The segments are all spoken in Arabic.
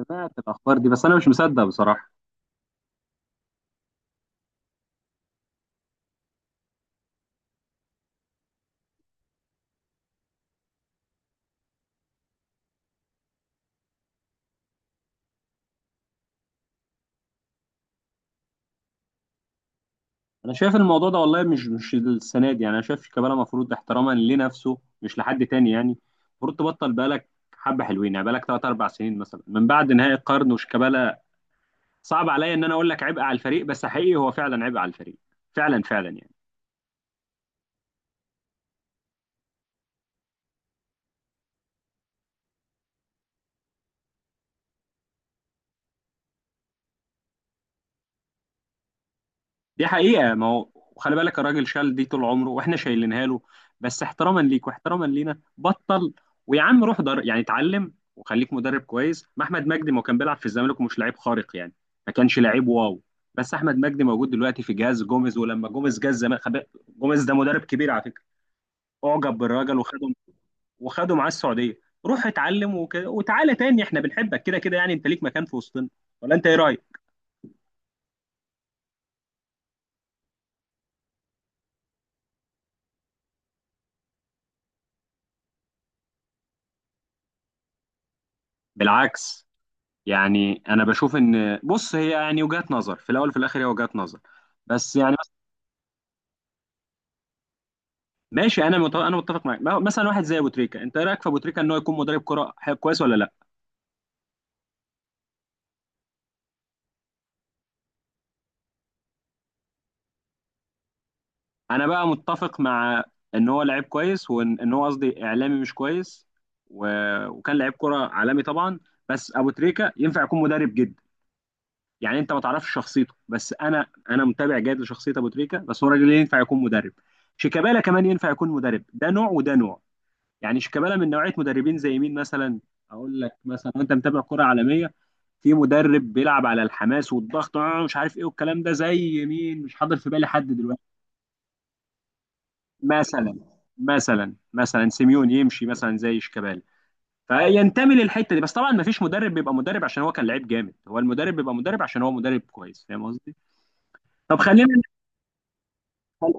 سمعت الاخبار دي بس انا مش مصدق بصراحه. انا شايف الموضوع ده والله مش السنه دي يعني. انا شايف شيكابالا المفروض احتراما لنفسه مش لحد تاني يعني، المفروض تبطل بقالك حبه حلوين، يعني بقالك 3 4 سنين مثلا من بعد نهائي القرن. وشيكابالا صعب عليا ان انا اقول لك عبء على الفريق، بس حقيقي هو فعلا عبء على الفريق، فعلا فعلا يعني. دي حقيقة، ما هو خلي بالك الراجل شال دي طول عمره واحنا شايلينها له، بس احتراما ليك واحتراما لينا بطل. ويا عم روح در، يعني اتعلم وخليك مدرب كويس. ما احمد مجدي ما هو كان بيلعب في الزمالك ومش لعيب خارق يعني، ما كانش لعيب واو. بس احمد مجدي موجود دلوقتي في جهاز جوميز، ولما جوميز جه الزمالك جوميز ده مدرب كبير على فكرة، اعجب بالراجل وخده، وخده معاه السعودية. روح اتعلم وتعالى تاني، احنا بنحبك كده كده، يعني انت ليك مكان في وسطنا. ولا انت ايه رأيك؟ بالعكس، يعني انا بشوف ان بص هي يعني وجهات نظر، في الاول وفي الاخر هي وجهات نظر. بس يعني مثلاً- ماشي، انا متفق، انا متفق معاك. مثلا واحد زي ابو تريكه، انت إيه رايك في ابو تريكه ان هو يكون مدرب كره كويس ولا لا؟ انا بقى متفق مع ان هو لعيب كويس، وان هو قصدي اعلامي مش كويس. و... وكان لعيب كره عالمي طبعا. بس ابو تريكه ينفع يكون مدرب جدا، يعني انت ما تعرفش شخصيته، بس انا متابع جيد لشخصيه ابو تريكه، بس هو راجل ينفع يكون مدرب. شيكابالا كمان ينفع يكون مدرب، ده نوع وده نوع. يعني شيكابالا من نوعيه مدربين زي مين مثلا؟ اقول لك مثلا، وانت متابع كره عالميه، في مدرب بيلعب على الحماس والضغط، مش عارف ايه والكلام ده، زي مين؟ مش حاضر في بالي حد دلوقتي. مثلا مثلا سيميون يمشي مثلا زي شيكابالا، فينتمي للحته دي. بس طبعا ما فيش مدرب بيبقى مدرب عشان هو كان لعيب جامد، هو المدرب بيبقى مدرب عشان هو مدرب كويس، فاهم قصدي. طب خلينا. اوه.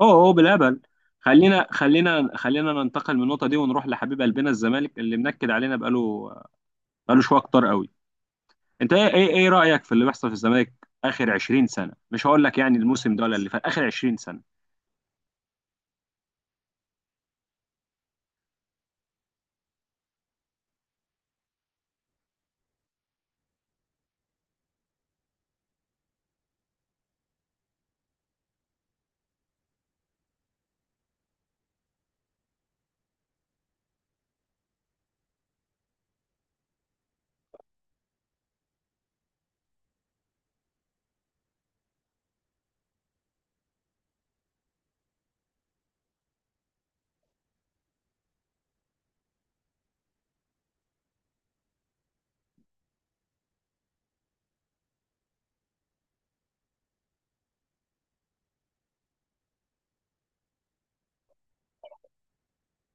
اوه بالهبل. خلينا ننتقل من النقطه دي ونروح لحبيب قلبنا الزمالك اللي منكد علينا بقاله شويه كتار قوي. انت ايه رايك في اللي بيحصل في الزمالك؟ اخر 20 سنه، مش هقول لك يعني الموسم ده ولا اللي فات، اخر 20 سنه.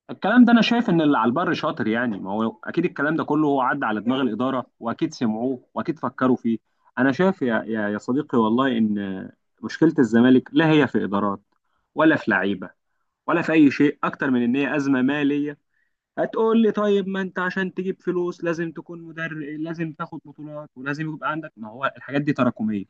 الكلام ده انا شايف ان اللي على البر شاطر، يعني ما هو اكيد الكلام ده كله هو عدى على دماغ الاداره واكيد سمعوه واكيد فكروا فيه. انا شايف يا صديقي، والله ان مشكله الزمالك لا هي في ادارات، ولا في لعيبه، ولا في اي شيء، اكتر من ان هي ازمه ماليه. هتقول لي طيب ما انت عشان تجيب فلوس لازم تكون مدرب لازم تاخد بطولات ولازم يبقى عندك، ما هو الحاجات دي تراكميه.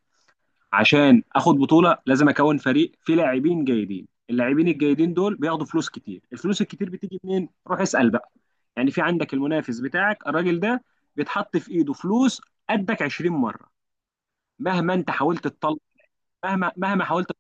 عشان اخد بطوله لازم اكون فريق فيه لاعبين جيدين، اللاعبين الجيدين دول بياخدوا فلوس كتير، الفلوس الكتير بتيجي منين؟ روح اسال بقى. يعني في عندك المنافس بتاعك، الراجل ده بيتحط في ايده فلوس قدك 20 مره، مهما انت حاولت تطلع، مهما حاولت.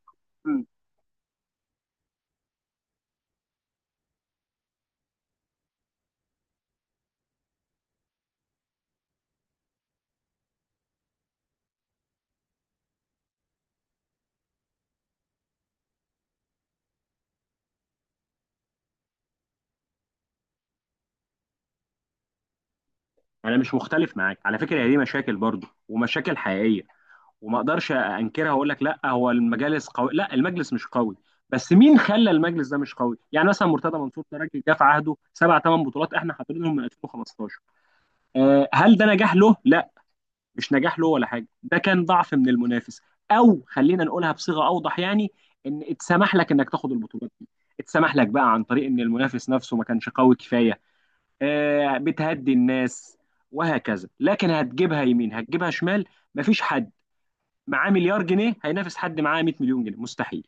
انا مش مختلف معاك على فكره، هي دي مشاكل برضه، ومشاكل حقيقيه، وما اقدرش انكرها واقول لك لا هو المجالس قوي لا المجلس مش قوي. بس مين خلى المجلس ده مش قوي؟ يعني مثلا مرتضى منصور ده راجل جه في عهده سبع ثمان بطولات احنا حاطينهم من 2015. هل ده نجاح له؟ لا، مش نجاح له ولا حاجه، ده كان ضعف من المنافس، او خلينا نقولها بصيغه اوضح يعني، ان اتسمح لك انك تاخد البطولات دي، اتسمح لك بقى عن طريق ان المنافس نفسه ما كانش قوي كفايه. بتهدي الناس وهكذا، لكن هتجيبها يمين هتجيبها شمال. مفيش حد معاه مليار جنيه هينافس حد معاه 100 مليون جنيه، مستحيل.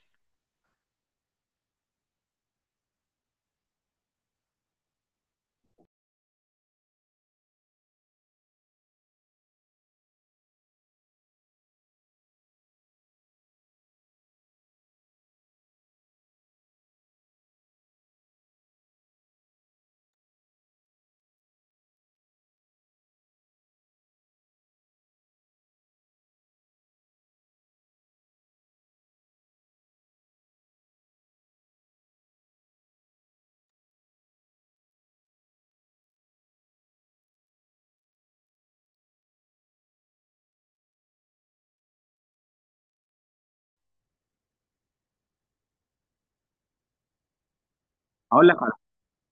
هقول لك على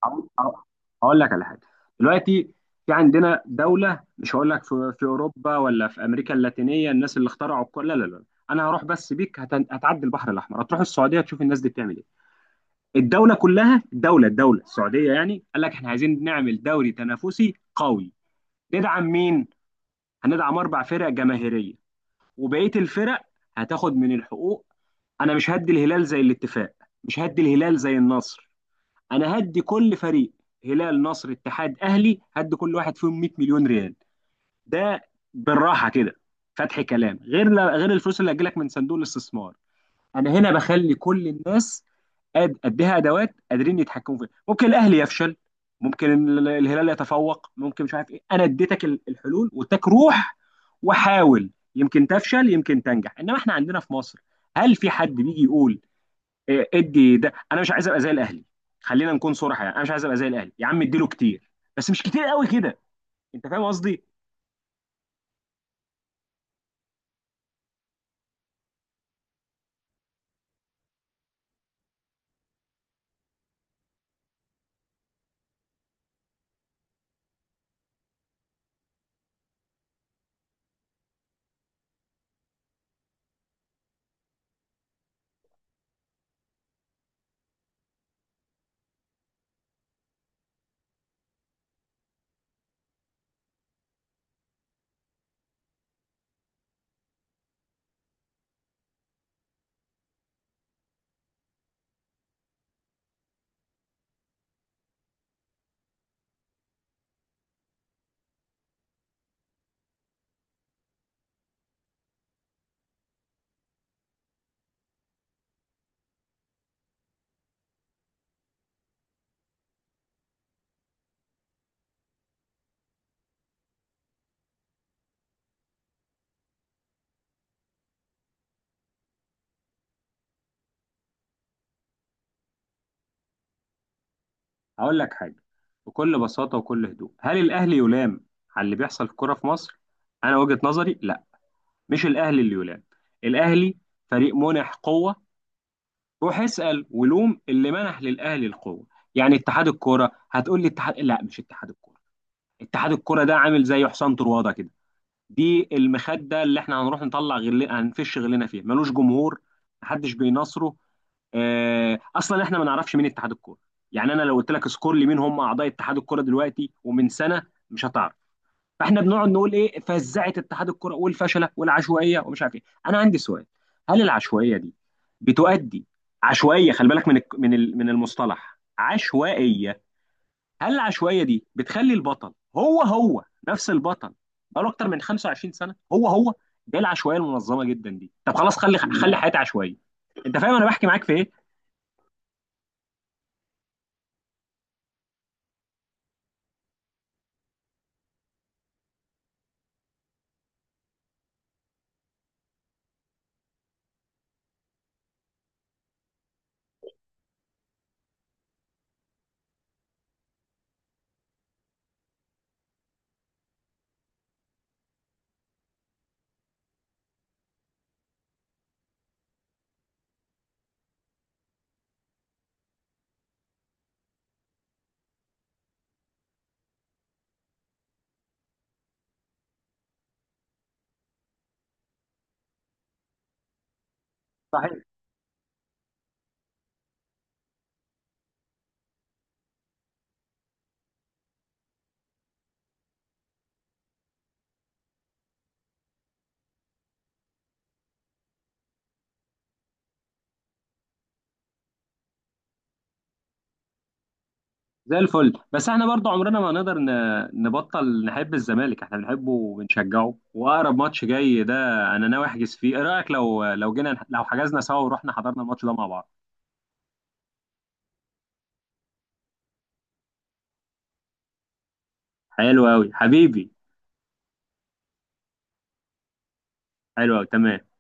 هقول هقول لك على حاجه. دلوقتي في عندنا دوله، مش هقول لك في اوروبا ولا في امريكا اللاتينيه الناس اللي اخترعوا الكل، لا لا لا. انا هروح بس بيك، هتعدي البحر الاحمر هتروح السعوديه تشوف الناس دي بتعمل ايه. الدوله كلها، الدوله السعوديه، يعني قال لك احنا عايزين نعمل دوري تنافسي قوي. ندعم مين؟ هندعم اربع فرق جماهيريه، وبقيه الفرق هتاخد من الحقوق. انا مش هدي الهلال زي الاتفاق، مش هدي الهلال زي النصر. انا هدي كل فريق، هلال نصر اتحاد اهلي، هدي كل واحد فيهم 100 مليون ريال. ده بالراحه كده فتح كلام، غير الفلوس اللي هتجيلك من صندوق الاستثمار. انا هنا بخلي كل الناس قد اديها ادوات قادرين يتحكموا فيها. ممكن الاهلي يفشل، ممكن الهلال يتفوق، ممكن مش عارف ايه. انا اديتك الحلول واديتك روح وحاول. يمكن تفشل يمكن تنجح، انما احنا عندنا في مصر هل في حد بيجي يقول ادي ده، انا مش عايز ابقى زي الاهلي؟ خلينا نكون صراحه، يعني انا مش عايز ابقى زي الاهلي يا عم، اديله كتير بس مش كتير قوي كده، انت فاهم قصدي. هقول لك حاجه، بكل بساطه وكل هدوء، هل الاهلي يلام على اللي بيحصل في الكوره في مصر؟ انا وجهه نظري لا، مش الاهلي اللي يلام. الاهلي فريق منح قوه، روح اسال ولوم اللي منح للاهلي القوه. يعني اتحاد الكوره؟ هتقول لي اتحاد، لا، مش اتحاد الكوره. اتحاد الكوره ده عامل زي حسام طروادة كده، دي المخدة اللي احنا هنروح هنفش غلنا فيها، ملوش جمهور، محدش بيناصره. اه... اصلا احنا ما نعرفش مين اتحاد الكوره. يعني انا لو قلت لك سكور لي مين هم اعضاء اتحاد الكوره دلوقتي ومن سنه، مش هتعرف. فاحنا بنقعد نقول ايه؟ فزعت اتحاد الكوره والفشله والعشوائيه ومش عارف ايه. انا عندي سؤال، هل العشوائيه دي بتؤدي؟ عشوائيه، خلي بالك من من المصطلح عشوائيه. هل العشوائيه دي بتخلي البطل هو هو نفس البطل؟ بقاله اكتر من 25 سنه هو هو، ده العشوائيه المنظمه جدا دي. طب خلاص، خلي حياتي عشوائيه، انت فاهم انا بحكي معاك في ايه. صحيح زي الفل، بس احنا برضو عمرنا ما نقدر نبطل نحب الزمالك، احنا بنحبه وبنشجعه. واقرب ماتش جاي ده انا ناوي احجز فيه، ايه رايك لو جينا لو حجزنا سوا ورحنا حضرنا الماتش ده مع بعض؟ حلو قوي حبيبي. حلو قوي، تمام.